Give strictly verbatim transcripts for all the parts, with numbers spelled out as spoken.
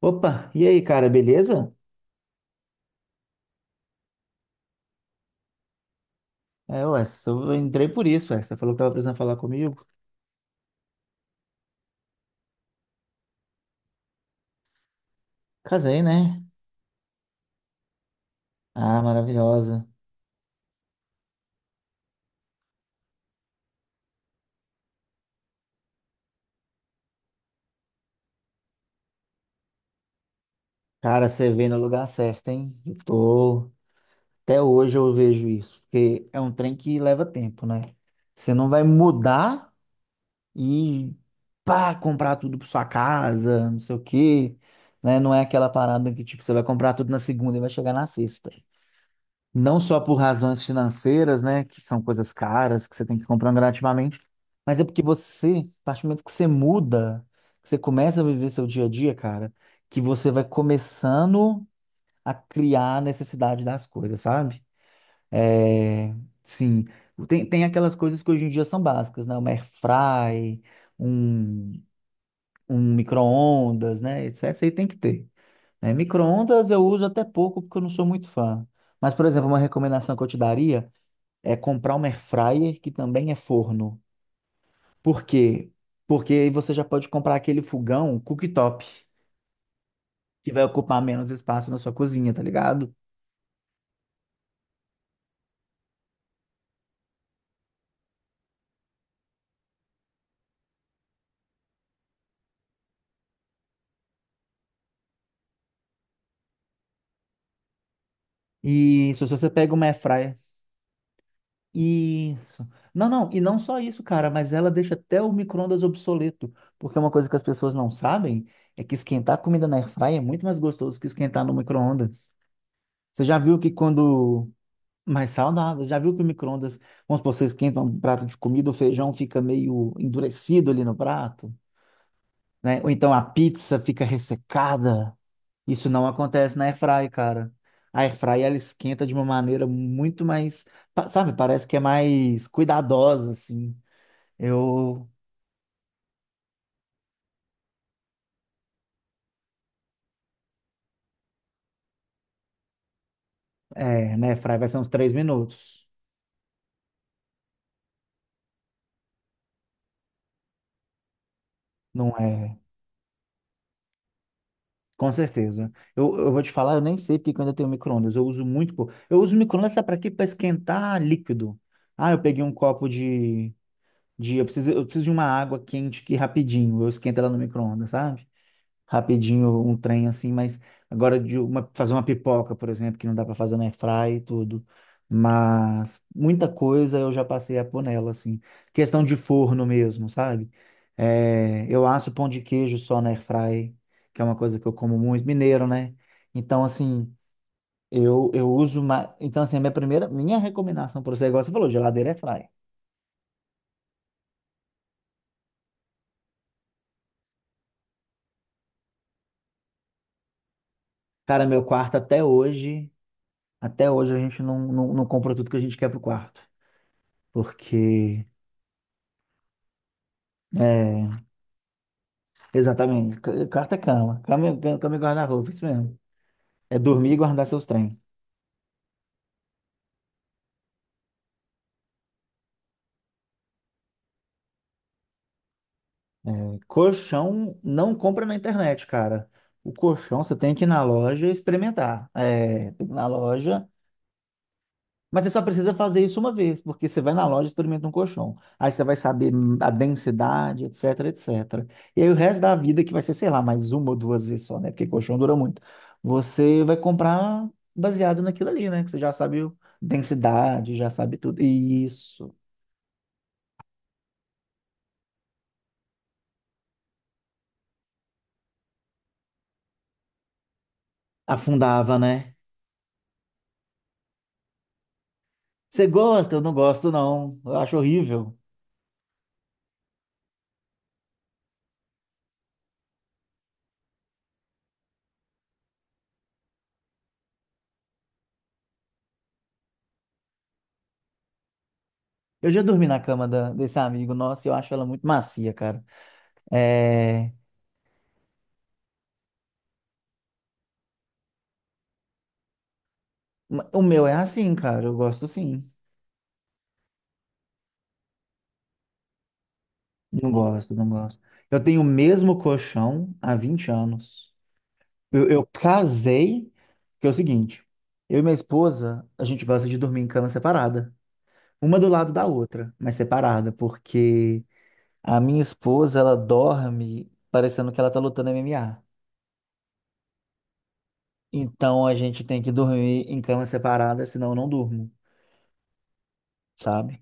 Opa, e aí, cara, beleza? É, ué, eu entrei por isso, ué. Você falou que tava precisando falar comigo. Casei, né? Ah, maravilhosa. Cara, você veio no lugar certo, hein? Eu tô... Até hoje eu vejo isso, porque é um trem que leva tempo, né? Você não vai mudar e pá, comprar tudo pra sua casa, não sei o quê, né? Não é aquela parada que, tipo, você vai comprar tudo na segunda e vai chegar na sexta. Não só por razões financeiras, né, que são coisas caras que você tem que comprar gradativamente, mas é porque você, a partir do momento que você muda, que você começa a viver seu dia a dia, cara, que você vai começando a criar a necessidade das coisas, sabe? É, sim, tem, tem aquelas coisas que hoje em dia são básicas, né? Uma air fry, um, um micro-ondas, né, etcétera. Isso aí tem que ter. Né? Micro-ondas eu uso até pouco porque eu não sou muito fã. Mas, por exemplo, uma recomendação que eu te daria é comprar uma air fryer que também é forno. Por quê? Porque aí você já pode comprar aquele fogão cooktop, que vai ocupar menos espaço na sua cozinha, tá ligado? E se você pega uma air fryer e não, não, e não só isso, cara, mas ela deixa até o micro-ondas obsoleto, porque uma coisa que as pessoas não sabem é que esquentar comida na air fryer é muito mais gostoso que esquentar no micro-ondas. Você já viu que quando Mais saudável. Já viu que o micro-ondas, vamos supor, você esquenta um prato de comida, o feijão fica meio endurecido ali no prato, né? Ou então a pizza fica ressecada. Isso não acontece na airfry, cara. A airfry, ela esquenta de uma maneira muito mais, pa- sabe, parece que é mais cuidadosa, assim. Eu, é, na airfry vai ser uns três minutos. Não é Com certeza. Eu, eu vou te falar, eu nem sei porque que eu ainda tenho micro-ondas. Eu uso muito, pô. Eu uso micro-ondas sabe para quê? Para esquentar líquido. Ah, eu peguei um copo de, de eu preciso, eu preciso de uma água quente aqui rapidinho. Eu esquento ela no micro-ondas, sabe? Rapidinho um trem assim, mas agora de uma, fazer uma pipoca, por exemplo, que não dá para fazer na airfry e tudo. Mas muita coisa eu já passei a pôr nela, assim. Questão de forno mesmo, sabe? É, eu asso pão de queijo só na airfry, que é uma coisa que eu como muito, mineiro, né? Então, assim, eu, eu uso uma... Então, assim, a minha primeira, minha recomendação para você, igual você falou, geladeira airfry. Cara, meu quarto até hoje, até hoje a gente não, não, não compra tudo que a gente quer pro quarto. Porque é, exatamente. C- Quarto é cama. Cama, e- cama, cama e guarda-roupa, isso mesmo. É dormir e guardar seus trem. Colchão não compra na internet, cara. O colchão você tem que ir na loja e experimentar. É, tem que ir na loja. Mas você só precisa fazer isso uma vez, porque você vai na loja e experimenta um colchão. Aí você vai saber hum, a densidade, etc, etcétera. E aí o resto da vida, que vai ser, sei lá, mais uma ou duas vezes só, né? Porque colchão dura muito. Você vai comprar baseado naquilo ali, né? Que você já sabe o- densidade, já sabe tudo. E isso. Afundava, né? Você gosta? Eu não gosto, não. Eu acho horrível. Eu já dormi na cama da- desse amigo nosso e eu acho ela muito macia, cara. É... O meu é assim, cara. Eu gosto sim. Não gosto, não gosto. Eu tenho o mesmo colchão há vinte anos. Eu, eu casei, que é o seguinte, eu e minha esposa, a gente gosta de dormir em cama separada, uma do lado da outra, mas separada, porque a minha esposa, ela dorme parecendo que ela tá lutando M M A. Então a gente tem que dormir em cama separada, senão eu não durmo, sabe?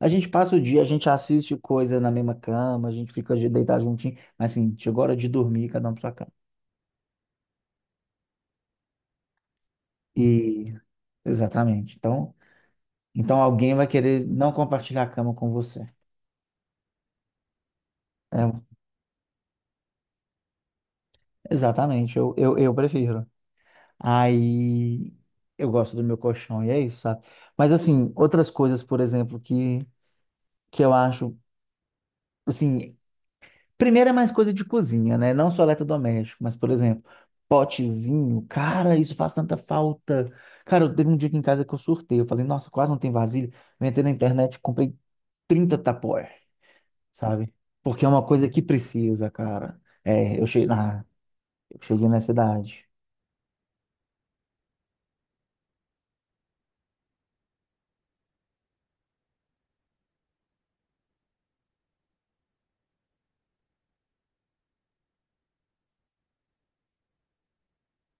A gente passa o dia, a gente assiste coisa na mesma cama, a gente fica de- deitado juntinho, mas assim, chegou a hora de dormir, cada um pra sua cama. E Exatamente. Então, então alguém vai querer não compartilhar a cama com você. É, exatamente, eu, eu, eu prefiro. Aí eu gosto do meu colchão, e é isso, sabe? Mas assim, outras coisas, por exemplo, que, que eu acho, assim, primeiro é mais coisa de cozinha, né? Não só eletrodoméstico, mas, por exemplo, potezinho, cara, isso faz tanta falta. Cara, eu teve um dia aqui em casa que eu surtei, eu falei, nossa, quase não tem vasilha. Eu entrei na internet, comprei trinta tapaué. Sabe? Porque é uma coisa que precisa, cara. É, eu cheguei, ah, eu cheguei nessa idade.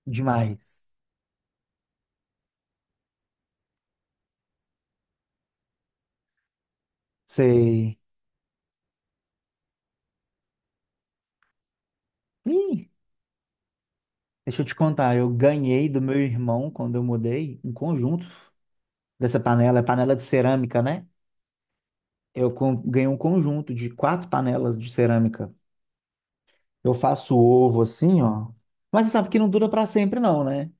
Demais. Sei. Ih, deixa eu te contar, eu ganhei do meu irmão quando eu mudei um conjunto dessa panela, é panela de cerâmica, né? Eu com- ganhei um conjunto de quatro panelas de cerâmica. Eu faço ovo assim, ó. Mas você sabe que não dura para sempre, não, né?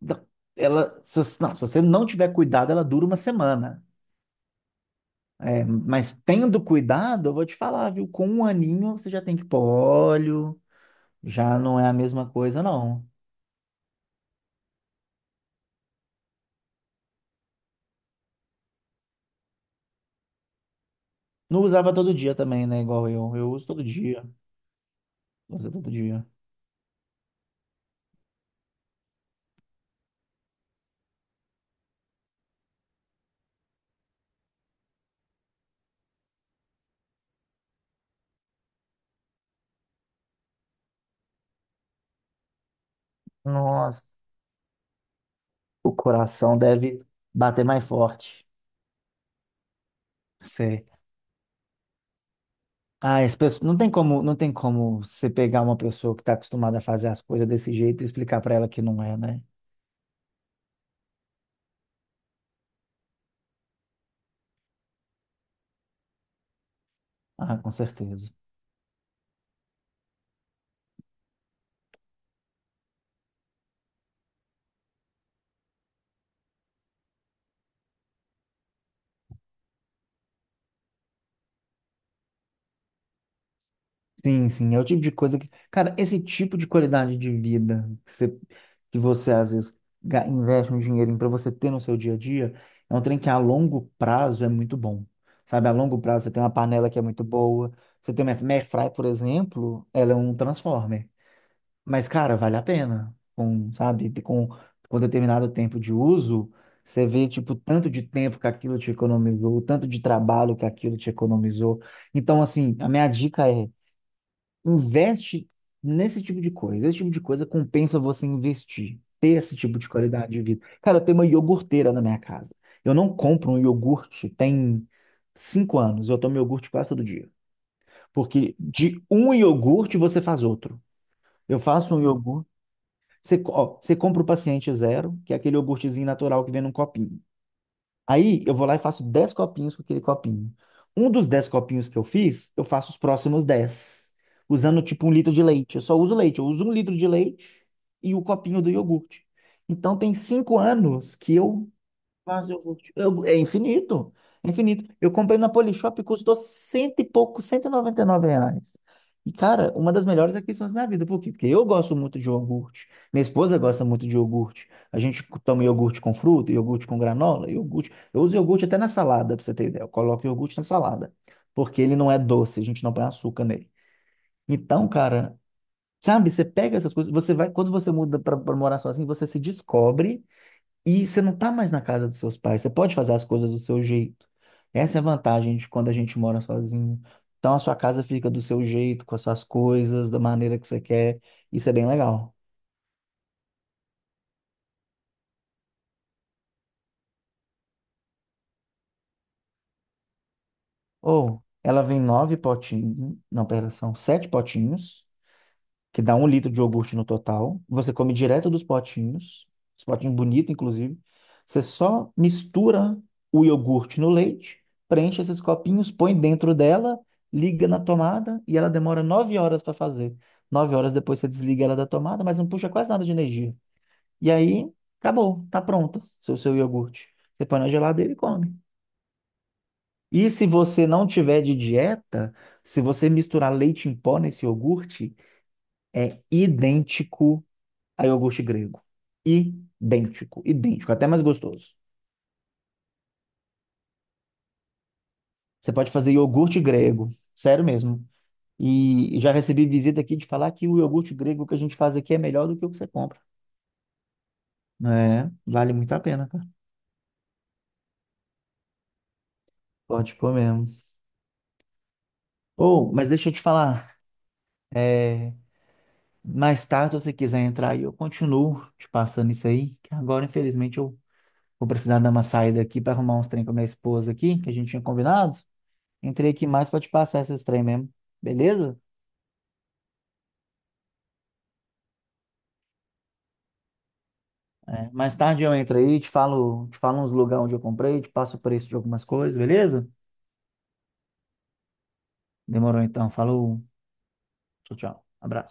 Da- Ela, se você, não, se você não tiver cuidado, ela dura uma semana. É, mas tendo cuidado, eu vou te falar, viu? Com um aninho você já tem que pôr óleo, já não é a mesma coisa, não. Não usava todo dia também, né? Igual eu. Eu uso todo dia. Uso todo dia. Nossa, o coração deve bater mais forte. Sei. Ah, as pessoas, não tem como, não tem como você pegar uma pessoa que está acostumada a fazer as coisas desse jeito e explicar para ela que não é, né? Ah, com certeza. Sim, sim, é o tipo de coisa que, cara, esse tipo de qualidade de vida que você, que você às vezes ga- investe um dinheirinho para você ter no seu dia a dia, é um trem que a longo prazo é muito bom. Sabe, a longo prazo você tem uma panela que é muito boa, você tem uma air- uma airfryer, por exemplo, ela é um transformer. Mas, cara, vale a pena. Com, sabe, com, com determinado tempo de uso, você vê, tipo, tanto de tempo que aquilo te economizou, tanto de trabalho que aquilo te economizou. Então, assim, a minha dica é investe nesse tipo de coisa. Esse tipo de coisa compensa você investir, ter esse tipo de qualidade de vida. Cara, eu tenho uma iogurteira na minha casa. Eu não compro um iogurte tem cinco anos. Eu tomo iogurte quase todo dia. Porque de um iogurte você faz outro. Eu faço um iogurte. Você, co- ó, você compra o paciente zero, que é aquele iogurtezinho natural que vem num copinho. Aí eu vou lá e faço dez copinhos com aquele copinho. Um dos dez copinhos que eu fiz, eu faço os próximos dez usando tipo um litro de leite. Eu só uso leite, eu uso um litro de leite e o copinho do iogurte. Então tem cinco anos que eu mas eu, vou te- eu- é infinito. É infinito. Eu comprei na Polishop e custou cento e pouco, cento e noventa e nove reais. E, cara, uma das melhores aquisições da minha vida. Por quê? Porque eu gosto muito de iogurte. Minha esposa gosta muito de iogurte. A gente toma iogurte com fruta, iogurte com granola, iogurte. Eu uso iogurte até na salada, pra você ter ideia. Eu coloco iogurte na salada. Porque ele não é doce, a gente não põe açúcar nele. Então, cara, sabe, você pega essas coisas, você vai, quando você muda para morar sozinho, você se descobre. E você não tá mais na casa dos seus pais, você pode fazer as coisas do seu jeito. Essa é a vantagem de quando a gente mora sozinho. Então a sua casa fica do seu jeito, com as suas coisas, da maneira que você quer. Isso é bem legal. Ou ela vem nove potinhos, não, pera, são sete potinhos, que dá um litro de iogurte no total. Você come direto dos potinhos, os potinhos bonitos, inclusive. Você só mistura o iogurte no leite, preenche esses copinhos, põe dentro dela, liga na tomada e ela demora nove horas para fazer. Nove horas depois você desliga ela da tomada, mas não puxa quase nada de energia. E aí, acabou, tá pronta seu, seu iogurte. Você põe na geladeira e come. E se você não tiver de dieta, se você misturar leite em pó nesse iogurte, é idêntico a iogurte grego. Idêntico, idêntico, até mais gostoso. Você pode fazer iogurte grego, sério mesmo. E já recebi visita aqui de falar que o iogurte grego que a gente faz aqui é melhor do que o que você compra. É, vale muito a pena, cara. Pode pôr mesmo. Ou, mas deixa eu te falar, é, mais tarde, se você quiser entrar aí, eu continuo te passando isso aí, que agora, infelizmente, eu vou precisar dar uma saída aqui para arrumar uns trem com a minha esposa aqui, que a gente tinha combinado. Entrei aqui mais para te passar esses trem mesmo, beleza? É, mais tarde eu entro aí, te falo, te falo uns lugares onde eu comprei, te passo o preço de algumas coisas, beleza? Demorou então. Falou. Tchau, tchau. Abraço.